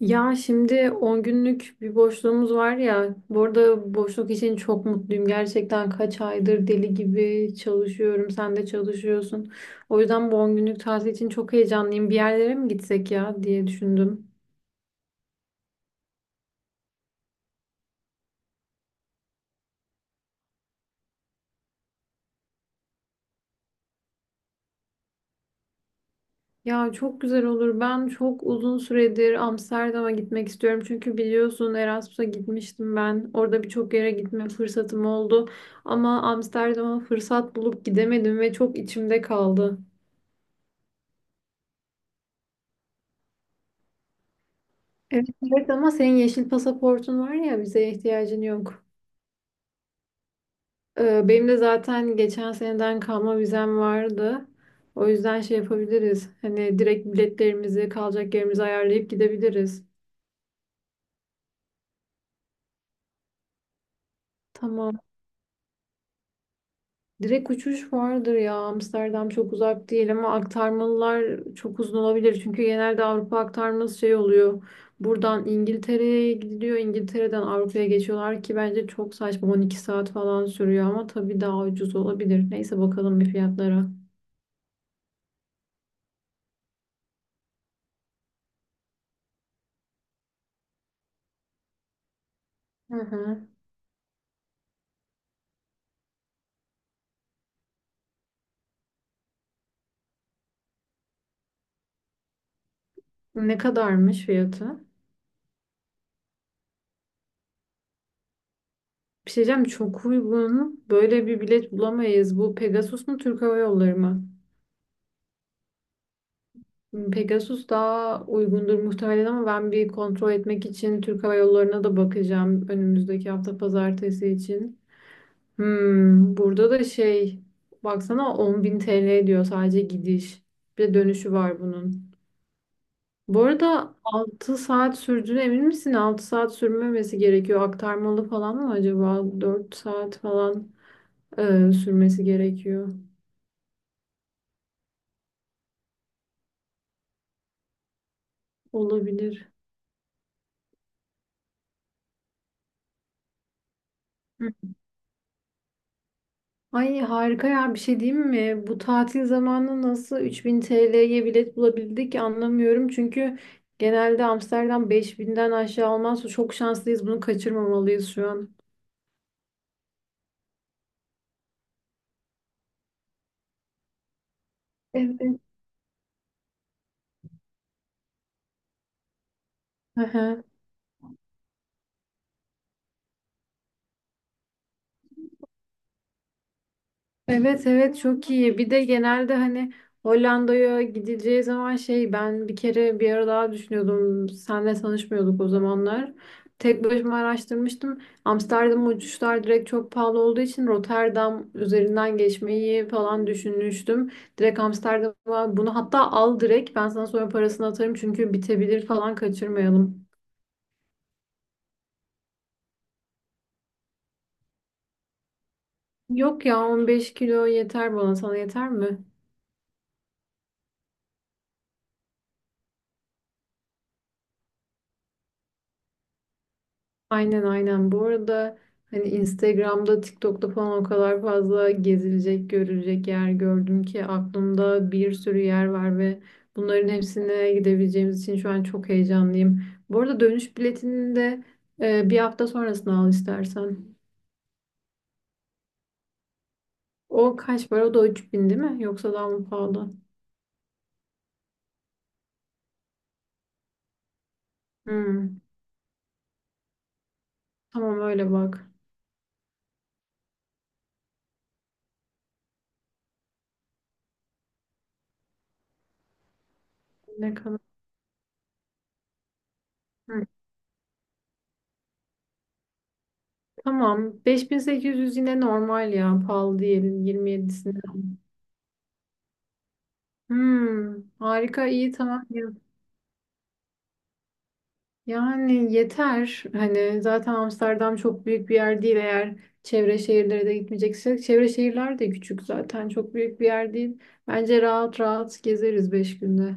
Ya şimdi 10 günlük bir boşluğumuz var ya. Bu arada boşluk için çok mutluyum. Gerçekten kaç aydır deli gibi çalışıyorum. Sen de çalışıyorsun. O yüzden bu 10 günlük tatil için çok heyecanlıyım. Bir yerlere mi gitsek ya diye düşündüm. Ya çok güzel olur. Ben çok uzun süredir Amsterdam'a gitmek istiyorum. Çünkü biliyorsun Erasmus'a gitmiştim ben. Orada birçok yere gitme fırsatım oldu. Ama Amsterdam'a fırsat bulup gidemedim ve çok içimde kaldı. Evet, evet ama senin yeşil pasaportun var ya vizeye ihtiyacın yok. Benim de zaten geçen seneden kalma vizem vardı. O yüzden şey yapabiliriz. Hani direkt biletlerimizi, kalacak yerimizi ayarlayıp gidebiliriz. Tamam. Direkt uçuş vardır ya. Amsterdam çok uzak değil ama aktarmalılar çok uzun olabilir. Çünkü genelde Avrupa aktarması şey oluyor. Buradan İngiltere'ye gidiliyor. İngiltere'den Avrupa'ya geçiyorlar ki bence çok saçma. 12 saat falan sürüyor ama tabii daha ucuz olabilir. Neyse bakalım bir fiyatlara. Hı hı. Ne kadarmış fiyatı? Bir şey diyeceğim çok uygun. Böyle bir bilet bulamayız. Bu Pegasus mu Türk Hava Yolları mı? Hmm, Pegasus daha uygundur muhtemelen ama ben bir kontrol etmek için Türk Hava Yolları'na da bakacağım önümüzdeki hafta pazartesi için. Hmm, burada da şey baksana 10.000 TL diyor sadece gidiş. Bir de dönüşü var bunun. Bu arada 6 saat sürdüğüne emin misin? 6 saat sürmemesi gerekiyor. Aktarmalı falan mı acaba? 4 saat falan sürmesi gerekiyor. Olabilir. Ay harika ya bir şey diyeyim mi? Bu tatil zamanı nasıl 3.000 TL'ye bilet bulabildik anlamıyorum. Çünkü genelde Amsterdam 5.000'den aşağı olmaz. Çok şanslıyız. Bunu kaçırmamalıyız şu an. Evet. Evet evet çok iyi. Bir de genelde hani Hollanda'ya gidileceği zaman şey ben bir kere bir ara daha düşünüyordum. Senle tanışmıyorduk o zamanlar. Tek başıma araştırmıştım. Amsterdam uçuşlar direkt çok pahalı olduğu için Rotterdam üzerinden geçmeyi falan düşünmüştüm. Direkt Amsterdam'a bunu hatta al direkt ben sana sonra parasını atarım çünkü bitebilir falan kaçırmayalım. Yok ya 15 kilo yeter bana sana yeter mi? Aynen aynen. Bu arada hani Instagram'da, TikTok'ta falan o kadar fazla gezilecek, görülecek yer gördüm ki aklımda bir sürü yer var ve bunların hepsine gidebileceğimiz için şu an çok heyecanlıyım. Bu arada dönüş biletini de bir hafta sonrasını al istersen. O kaç para? O da 3.000 değil mi? Yoksa daha mı pahalı? Hmm. Tamam öyle bak. Ne kadar? Hı. Tamam. Beş bin sekiz yüz yine normal ya. Pahalı diyelim. 27'sini. Hmm, harika iyi tamam. Yani yeter. Hani zaten Amsterdam çok büyük bir yer değil eğer çevre şehirlere de gitmeyeceksek. Çevre şehirler de küçük zaten. Çok büyük bir yer değil. Bence rahat rahat gezeriz 5 günde.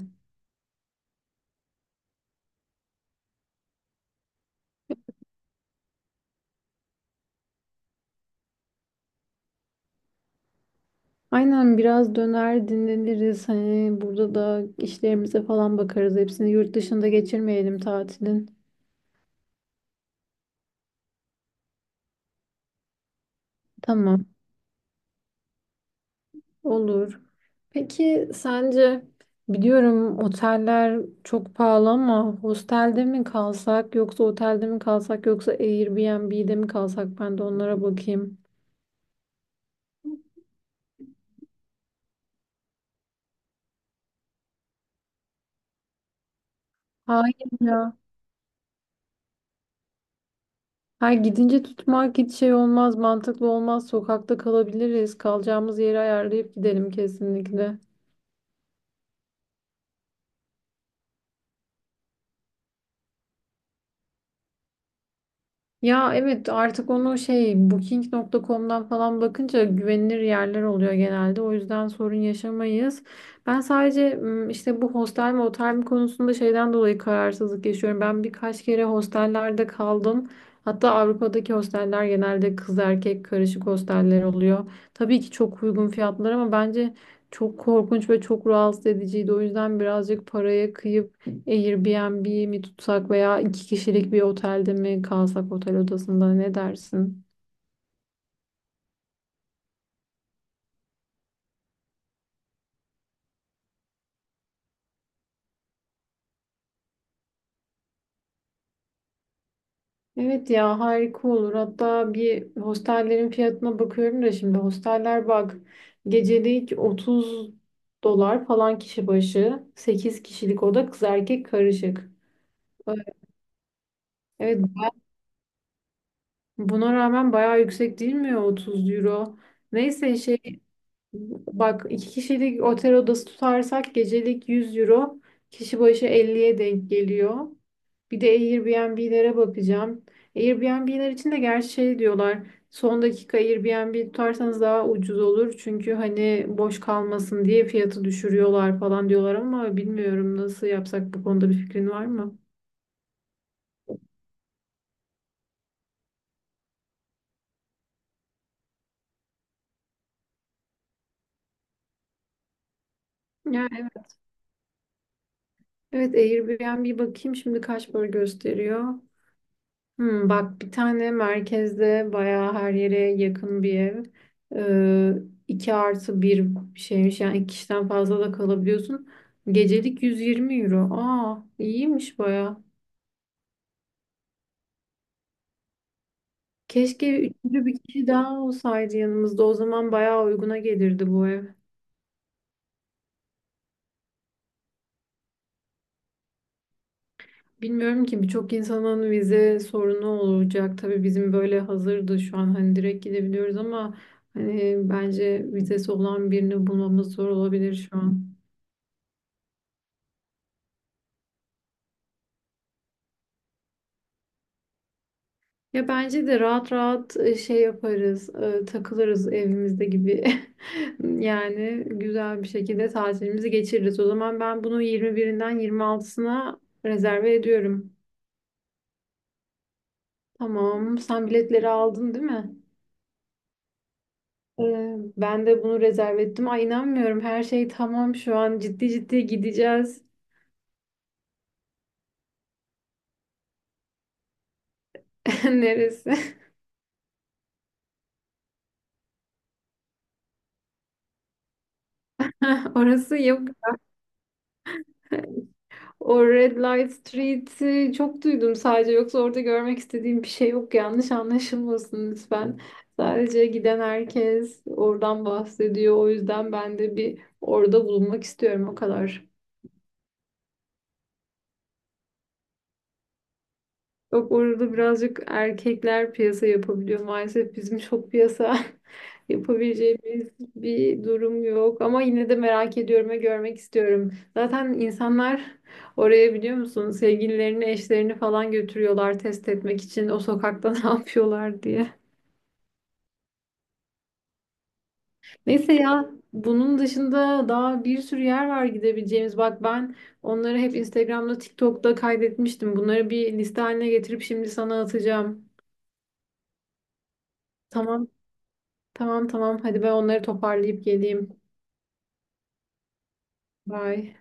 Aynen biraz döner dinleniriz. Hani burada da işlerimize falan bakarız. Hepsini yurt dışında geçirmeyelim tatilin. Tamam. Olur. Peki sence biliyorum oteller çok pahalı ama hostelde mi kalsak yoksa otelde mi kalsak yoksa Airbnb'de mi kalsak ben de onlara bakayım. Hayır ya. Ha gidince tutmak hiç şey olmaz, mantıklı olmaz. Sokakta kalabiliriz. Kalacağımız yeri ayarlayıp gidelim kesinlikle. Ya evet artık onu şey Booking.com'dan falan bakınca güvenilir yerler oluyor genelde. O yüzden sorun yaşamayız. Ben sadece işte bu hostel mi otel mi konusunda şeyden dolayı kararsızlık yaşıyorum. Ben birkaç kere hostellerde kaldım. Hatta Avrupa'daki hosteller genelde kız erkek karışık hosteller oluyor. Tabii ki çok uygun fiyatlar ama bence çok korkunç ve çok rahatsız ediciydi. O yüzden birazcık paraya kıyıp Airbnb mi tutsak veya 2 kişilik bir otelde mi kalsak otel odasında ne dersin? Evet ya harika olur. Hatta bir hostellerin fiyatına bakıyorum da şimdi hosteller bak gecelik 30 dolar falan kişi başı 8 kişilik oda kız erkek karışık. Evet buna rağmen bayağı yüksek değil mi ya 30 euro? Neyse şey bak 2 kişilik otel odası tutarsak gecelik 100 euro kişi başı 50'ye denk geliyor. Bir de Airbnb'lere bakacağım. Airbnb'ler için de gerçi şey diyorlar. Son dakika Airbnb tutarsanız daha ucuz olur. Çünkü hani boş kalmasın diye fiyatı düşürüyorlar falan diyorlar ama bilmiyorum nasıl yapsak bu konuda bir fikrin var mı? Ya evet. Evet Airbnb bakayım şimdi kaç para gösteriyor. Hmm, bak bir tane merkezde bayağı her yere yakın bir ev. Ee, 2+1 şeymiş yani 2 kişiden fazla da kalabiliyorsun. Gecelik 120 euro. Aa iyiymiş bayağı. Keşke üçüncü bir kişi daha olsaydı yanımızda. O zaman bayağı uyguna gelirdi bu ev. Bilmiyorum ki birçok insanın vize sorunu olacak. Tabii bizim böyle hazırdı şu an hani direkt gidebiliyoruz ama hani bence vizesi olan birini bulmamız zor olabilir şu an. Ya bence de rahat rahat şey yaparız, takılırız evimizde gibi. Yani güzel bir şekilde tatilimizi geçiririz. O zaman ben bunu 21'inden 26'sına rezerve ediyorum. Tamam, sen biletleri aldın değil mi? Ben de bunu rezerve ettim. Ay inanmıyorum, her şey tamam şu an. Ciddi ciddi gideceğiz. Neresi? Orası yok. O Red Light Street'i çok duydum sadece. Yoksa orada görmek istediğim bir şey yok. Yanlış anlaşılmasın lütfen. Sadece giden herkes oradan bahsediyor. O yüzden ben de bir orada bulunmak istiyorum o kadar. Yok orada birazcık erkekler piyasa yapabiliyor. Maalesef bizim çok piyasa yapabileceğimiz bir durum yok. Ama yine de merak ediyorum ve görmek istiyorum. Zaten insanlar oraya biliyor musun sevgililerini, eşlerini falan götürüyorlar test etmek için o sokakta ne yapıyorlar diye. Neyse ya bunun dışında daha bir sürü yer var gidebileceğimiz. Bak ben onları hep Instagram'da, TikTok'ta kaydetmiştim. Bunları bir liste haline getirip şimdi sana atacağım. Tamam. Tamam tamam. Hadi ben onları toparlayıp geleyim. Bye.